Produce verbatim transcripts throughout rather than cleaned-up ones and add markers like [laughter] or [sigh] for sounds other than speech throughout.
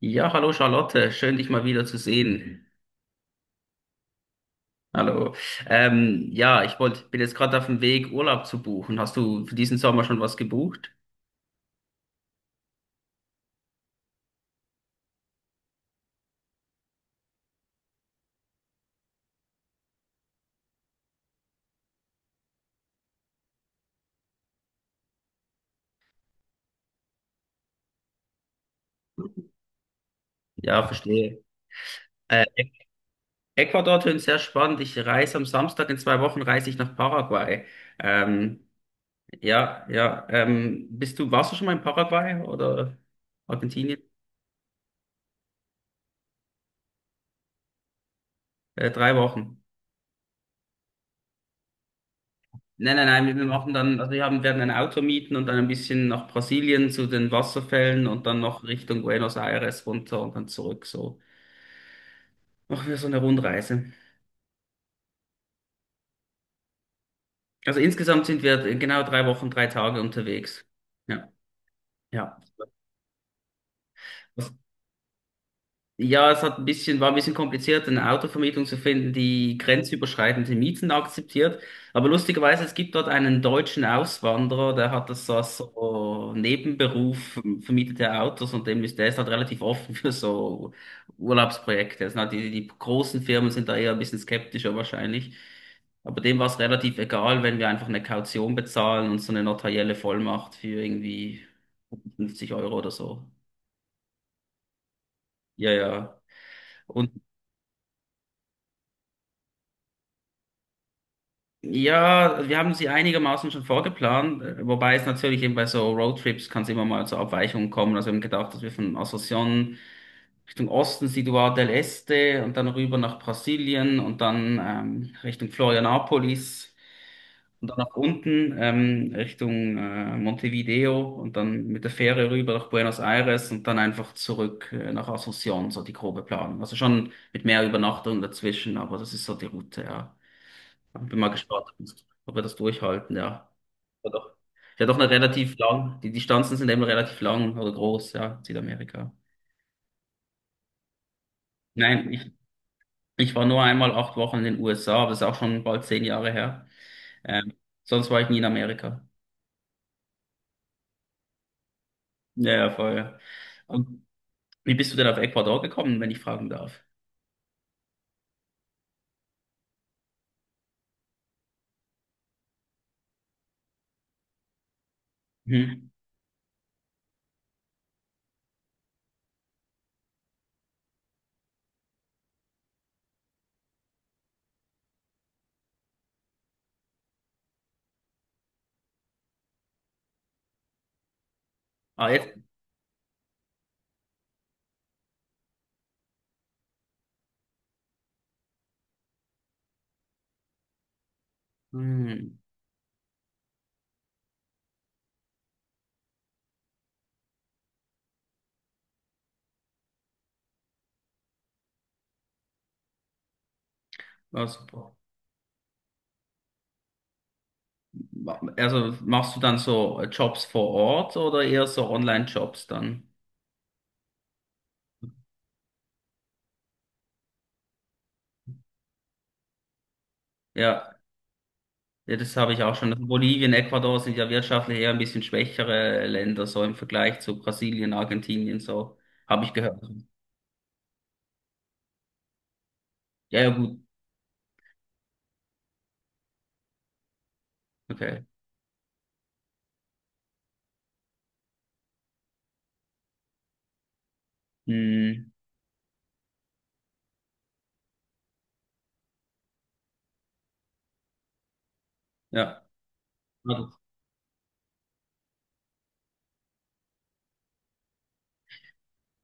Ja, hallo Charlotte, schön dich mal wieder zu sehen. Hallo. Ähm, ja, ich wollt, bin jetzt gerade auf dem Weg, Urlaub zu buchen. Hast du für diesen Sommer schon was gebucht? Ja, verstehe. Äh, Ecuador tönt sehr spannend. Ich reise am Samstag, in zwei Wochen reise ich nach Paraguay. Ähm, ja, ja. Ähm, bist du, warst du schon mal in Paraguay oder Argentinien? Äh, drei Wochen. Nein, nein, nein, wir machen dann, also wir haben, werden ein Auto mieten und dann ein bisschen nach Brasilien zu den Wasserfällen und dann noch Richtung Buenos Aires runter und dann zurück. So machen wir so eine Rundreise. Also insgesamt sind wir genau drei Wochen, drei Tage unterwegs. Ja, ja. Ja, es hat ein bisschen, war ein bisschen kompliziert, eine Autovermietung zu finden, die grenzüberschreitende Mieten akzeptiert. Aber lustigerweise, es gibt dort einen deutschen Auswanderer, der hat das als so Nebenberuf, vermietet er Autos und dem ist, der ist halt relativ offen für so Urlaubsprojekte. Also sind halt die, die großen Firmen sind da eher ein bisschen skeptischer wahrscheinlich. Aber dem war es relativ egal, wenn wir einfach eine Kaution bezahlen und so eine notarielle Vollmacht für irgendwie fünfzig Euro oder so. Ja, ja. Und ja, wir haben sie einigermaßen schon vorgeplant, äh, wobei es natürlich eben bei so Roadtrips kann es immer mal zu Abweichungen kommen. Also wir haben gedacht, dass wir von Asunción Richtung Osten, Ciudad del Este und dann rüber nach Brasilien und dann ähm, Richtung Florianópolis und dann nach unten ähm, Richtung äh, Montevideo und dann mit der Fähre rüber nach Buenos Aires und dann einfach zurück äh, nach Asunción, so die grobe Planung. Also schon mit mehr Übernachtungen dazwischen, aber das ist so die Route, ja. Bin mal gespannt, ob wir das durchhalten, ja. Ja doch, ja, doch eine relativ lang, die Distanzen sind eben relativ lang oder groß, ja, Südamerika. Nein, ich, ich war nur einmal acht Wochen in den U S A, aber das ist auch schon bald zehn Jahre her. Ähm, sonst war ich nie in Amerika. Ja, ja, voll. Ja. Und wie bist du denn auf Ecuador gekommen, wenn ich fragen darf? Hm. Ah, jetzt. Hm. Ah, super. Ma- Also machst du dann so äh, Jobs vor Ort oder eher so Online-Jobs dann? Ja. Ja, das habe ich auch schon. Also Bolivien, Ecuador sind ja wirtschaftlich eher ein bisschen schwächere Länder, so im Vergleich zu Brasilien, Argentinien, so habe ich gehört. Ja, ja, gut. Okay. Hm, ja.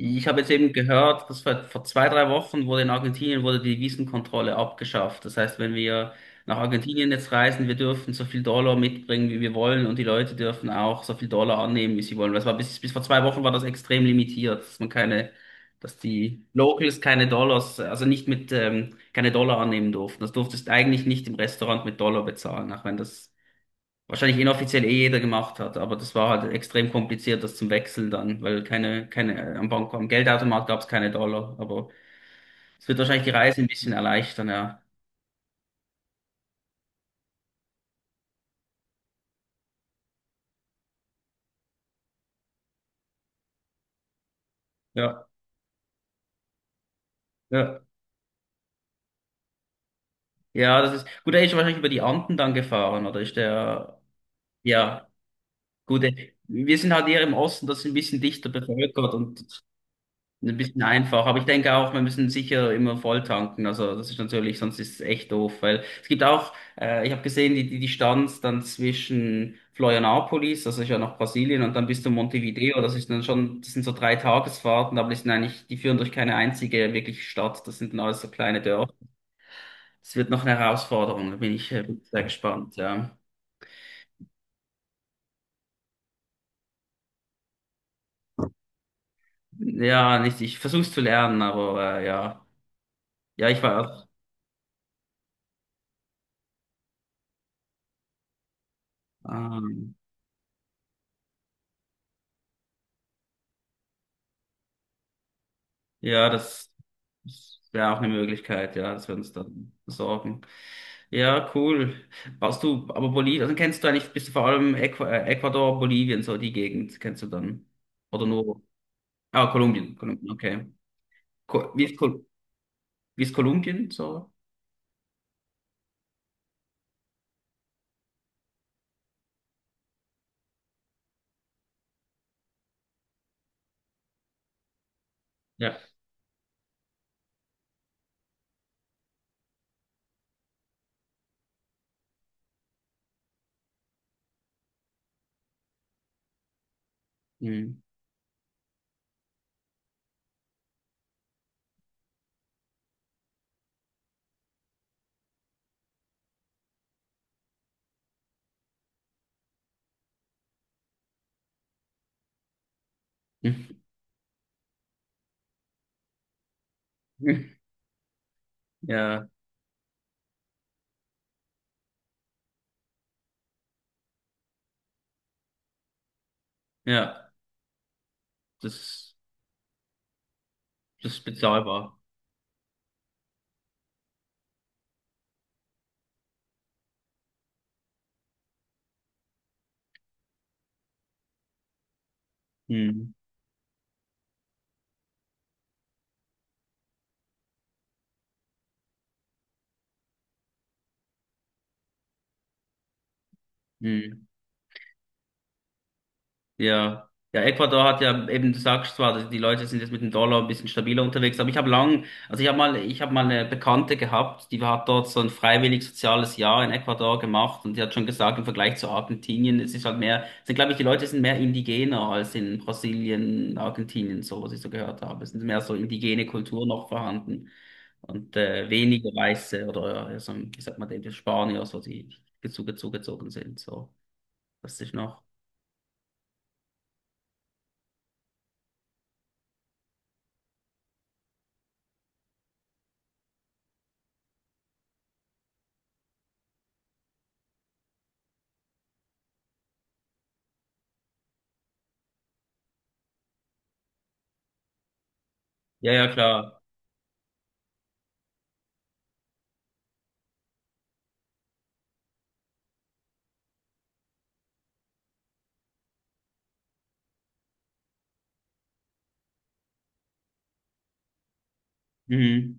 Ich habe jetzt eben gehört, dass vor vor zwei, drei Wochen wurde in Argentinien wurde die Wiesenkontrolle abgeschafft. Das heißt, wenn wir nach Argentinien jetzt reisen, wir dürfen so viel Dollar mitbringen, wie wir wollen, und die Leute dürfen auch so viel Dollar annehmen, wie sie wollen. Das war bis, bis vor zwei Wochen war das extrem limitiert, dass man keine, dass die Locals keine Dollars, also nicht mit, ähm, keine Dollar annehmen durften. Das durftest eigentlich nicht im Restaurant mit Dollar bezahlen, auch wenn das wahrscheinlich inoffiziell eh jeder gemacht hat, aber das war halt extrem kompliziert, das zum Wechseln dann, weil keine, keine, am Bank, am Geldautomat gab es keine Dollar, aber es wird wahrscheinlich die Reise ein bisschen erleichtern, ja. Ja, ja, ja, das ist, gut, er ist wahrscheinlich über die Anden dann gefahren, oder ist der, ja, gut, wir sind halt eher im Osten, das ist ein bisschen dichter bevölkert und ein bisschen einfach, aber ich denke auch, wir müssen sicher immer voll tanken. Also das ist natürlich, sonst ist es echt doof, weil es gibt auch, äh, ich habe gesehen, die, die Distanz dann zwischen Florianópolis, das ist ja nach Brasilien, und dann bis zu Montevideo, das ist dann schon, das sind so drei Tagesfahrten, aber die sind eigentlich, die führen durch keine einzige wirkliche Stadt, das sind dann alles so kleine Dörfer. Das wird noch eine Herausforderung, da bin ich äh, bin sehr gespannt, ja. Ja, nicht, ich versuche es zu lernen, aber äh, ja. Ja, ich war auch. ähm, Ja, das, das wäre auch eine Möglichkeit, ja, dass wir uns dann besorgen. Ja, cool. Warst du, aber Bolivien, also kennst du eigentlich, bist du vor allem Äqu äh, Ecuador, Bolivien, so die Gegend, kennst du dann? Oder nur, ah, Kolumbien, Kolumbien, okay. Ko wie ist, Kol wie ist Kolumbien, so? Ja. Hm. [laughs] Ja, ja, das, das ist bezahlbar. Hm. Hm. Ja, ja, Ecuador hat ja eben, du sagst zwar, dass die Leute sind jetzt mit dem Dollar ein bisschen stabiler unterwegs, aber ich habe lang, also ich habe mal, ich habe mal eine Bekannte gehabt, die hat dort so ein freiwillig soziales Jahr in Ecuador gemacht und die hat schon gesagt, im Vergleich zu Argentinien, es ist halt mehr, sind glaube ich, die Leute sind mehr indigener als in Brasilien, Argentinien, so was ich so gehört habe. Es sind mehr so indigene Kultur noch vorhanden und äh, weniger Weiße oder äh, so, wie sagt man, die Spanier, so die zugezogen sind, so. Das ist noch. Ja, ja, klar. Mhm.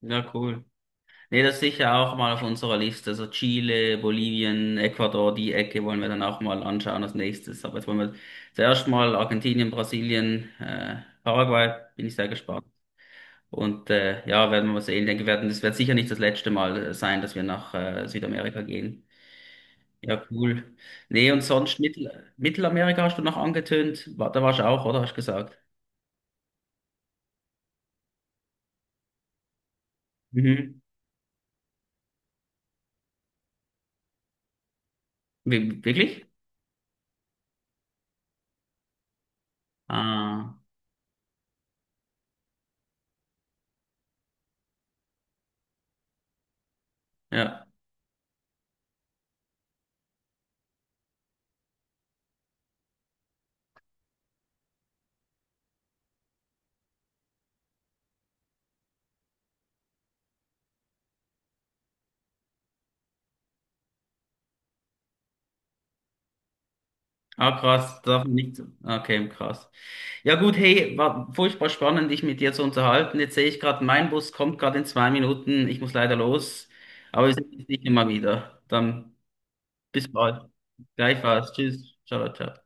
Ja, cool. Nee, das ist sicher auch mal auf unserer Liste. So Chile, Bolivien, Ecuador, die Ecke wollen wir dann auch mal anschauen als nächstes. Aber jetzt wollen wir zuerst mal Argentinien, Brasilien, äh, Paraguay, bin ich sehr gespannt. Und äh, ja, werden wir mal sehen. Ich denke, werden, das wird sicher nicht das letzte Mal äh, sein, dass wir nach äh, Südamerika gehen. Ja, cool. Nee, und sonst Mittel Mittelamerika hast du noch angetönt. Wa- Da warst du auch, oder? Hast du gesagt? Mhm. Wi- Wirklich? Ah, ja. Ah, krass, darf man nicht. Okay, krass. Ja gut, hey, war furchtbar spannend, dich mit dir zu unterhalten. Jetzt sehe ich gerade, mein Bus kommt gerade in zwei Minuten. Ich muss leider los, aber wir sehen uns nicht immer wieder. Dann bis bald. Gleichfalls. Tschüss. Ciao, ciao.